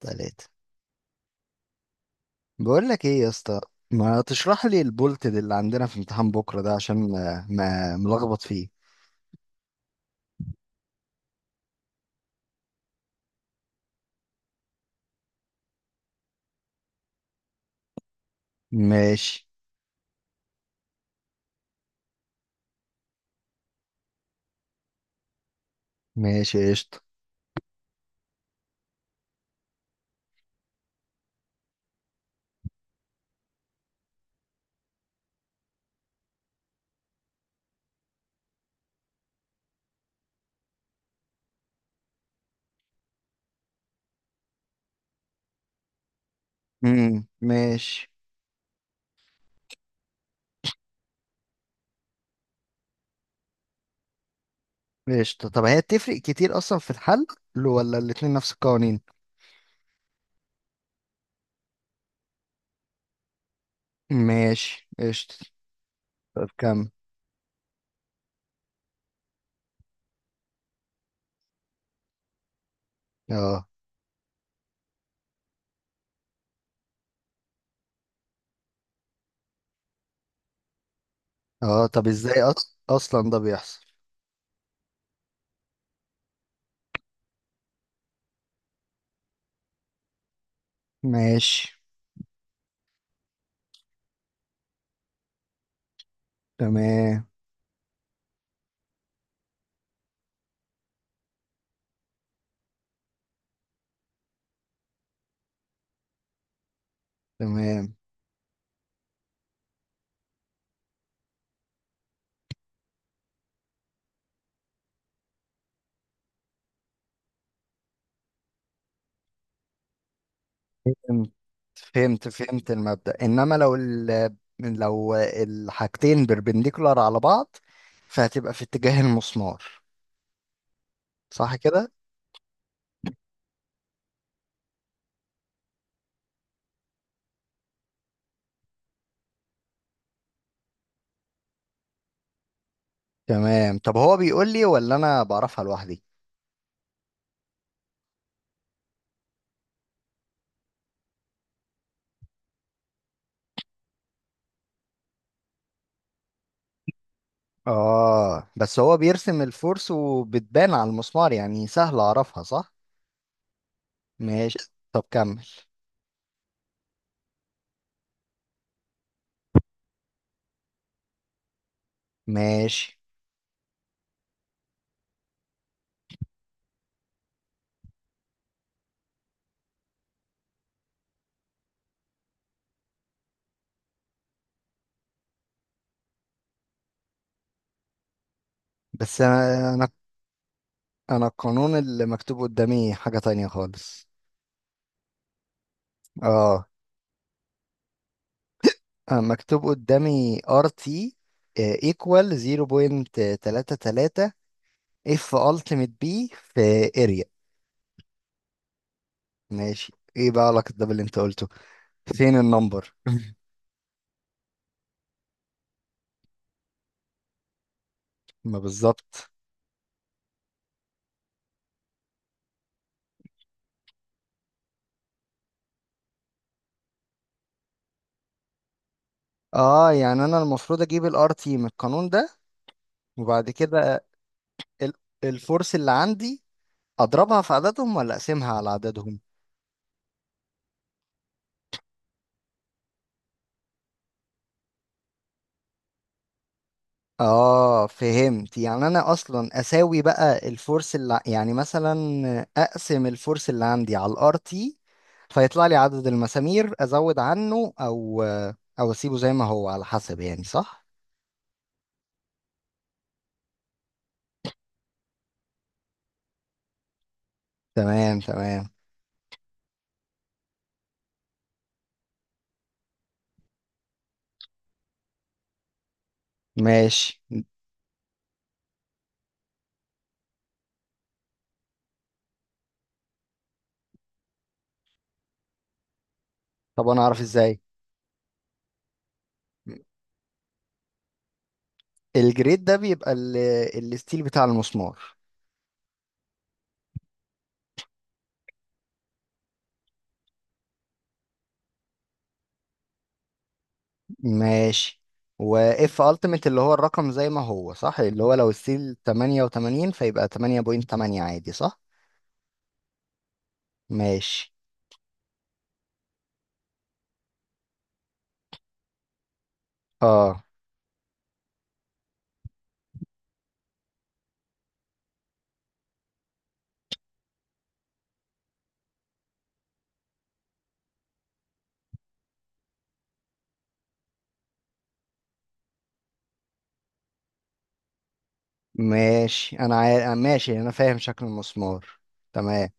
تلاتة. بقول لك ايه يا اسطى، ما تشرح لي البولت ده اللي عندنا في امتحان بكره ده عشان ما ملخبط فيه. ماشي. ماشي قشطة. ماشي قشطة. طب هي بتفرق كتير اصلا في الحل؟ ولا الاتنين نفس القوانين؟ ماشي قشطة. طب كم؟ اه، اه، طب ازاي اصلا ده بيحصل؟ ماشي. تمام تمام. فهمت فهمت المبدأ، انما لو ال لو الحاجتين بربنديكولار على بعض فهتبقى في اتجاه المسمار، صح كده؟ تمام. طب هو بيقول لي ولا انا بعرفها لوحدي؟ اه، بس هو بيرسم الفورس وبتبان على المسمار، يعني سهل اعرفها صح؟ ماشي. طب كمل. ماشي. بس انا أنا القانون اللي مكتوب قدامي حاجة تانية خالص. اه آه، مكتوب قدامي ار تي ايكوال 0.33 اف التيميت بي في اريا. ماشي. ايه بقى علاقة ده باللي انت قلته؟ فين النمبر ما بالظبط. اه، يعني انا المفروض اجيب الار تي من القانون ده، وبعد كده ال- الفورس اللي عندي اضربها في عددهم ولا اقسمها على عددهم؟ اه فهمت. يعني انا اصلا اساوي بقى الفورس يعني مثلا اقسم الفورس اللي عندي على الار تي، فيطلع لي عدد المسامير ازود عنه او اسيبه زي ما هو على حسب، يعني صح؟ تمام تمام. ماشي. طب انا اعرف ازاي؟ الجريد ده بيبقى الستيل بتاع المسمار. ماشي. واف التيميت اللي هو الرقم زي ما هو صح، اللي هو لو الستيل 88 فيبقى 8.8 عادي صح؟ ماشي. اه. ماشي. ماشي، انا فاهم شكل المسمار. تمام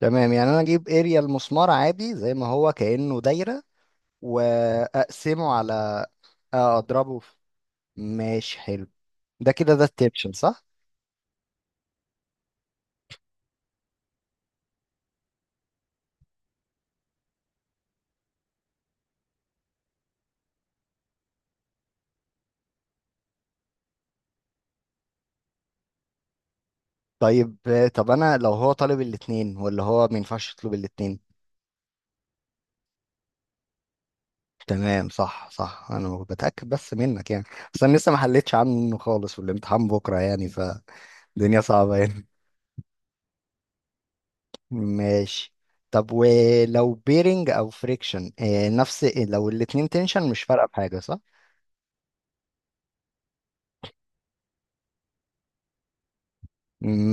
تمام. يعني انا اجيب اريا المسمار عادي زي ما هو كأنه دايرة، واقسمه على... اضربه في... ماشي حلو. ده كده ده التبشن صح؟ طيب. طب انا لو هو طالب الاتنين، ولا هو ما ينفعش يطلب الاتنين؟ تمام صح صح. انا بتأكد بس منك يعني. بس انا لسه ما حلتش عنه خالص والامتحان بكرة يعني. فالدنيا صعبة هنا. ماشي. طب ولو بيرنج او فريكشن، نفس لو الاتنين تنشن مش فارقه بحاجه صح؟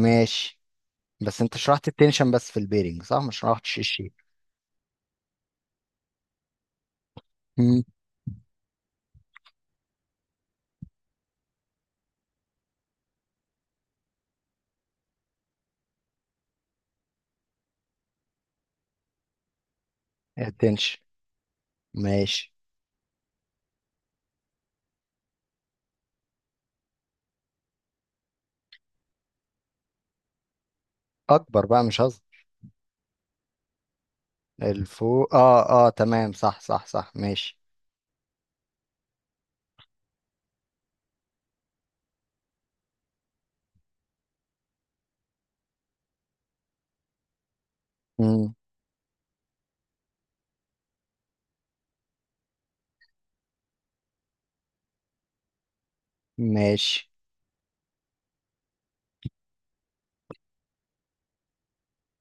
ماشي. بس انت شرحت التنشن بس في البيرنج صح، مش شرحتش الشيء. مم. التنشن. ماشي. اكبر بقى، مش هظهر الفوق. اه اه، تمام صح صح صح، ماشي. مم. ماشي.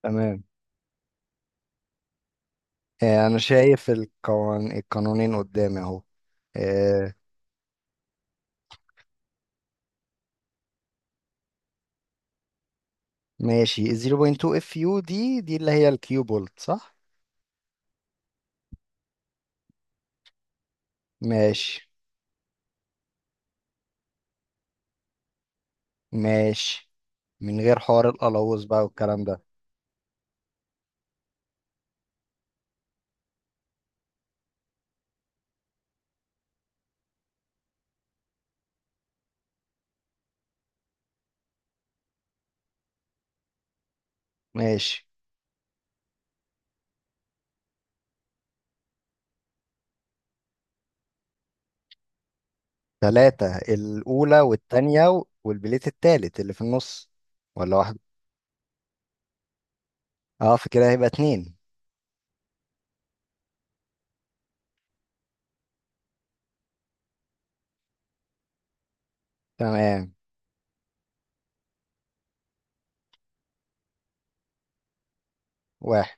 تمام. آه، انا شايف القانونين قدامي اهو. آه، ماشي. 0.2 اف يو دي اللي هي الكيو بولت صح؟ ماشي. ماشي. من غير حوار القلاوظ بقى والكلام ده. ماشي. ثلاثة، الأولى والتانية والبليت التالت اللي في النص. ولا واحد؟ اه، فكده هيبقى اتنين. تمام. واحد.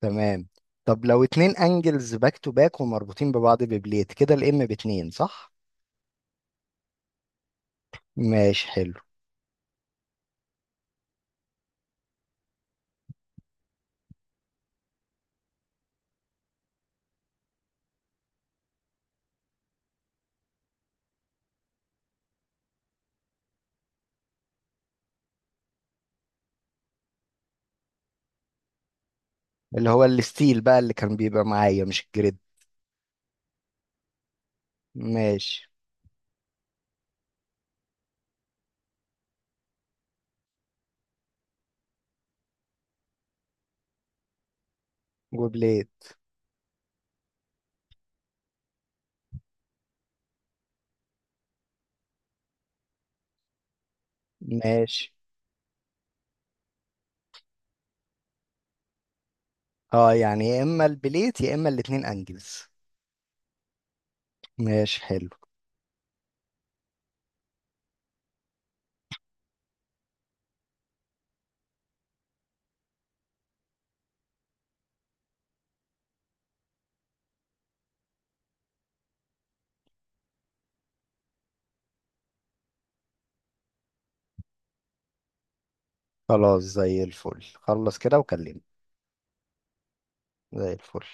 تمام. طب لو اتنين انجلز باك تو باك ومربوطين ببعض ببليت، كده الام باتنين صح؟ ماشي حلو. اللي هو الستيل بقى اللي كان بيبقى معايا، مش الجريد. ماشي. وبليت. ماشي. اه يعني يا اما البليت يا اما الاتنين انجلز. ماشي حلو. خلاص زي الفل. خلص كده وكلمني. زي الفل.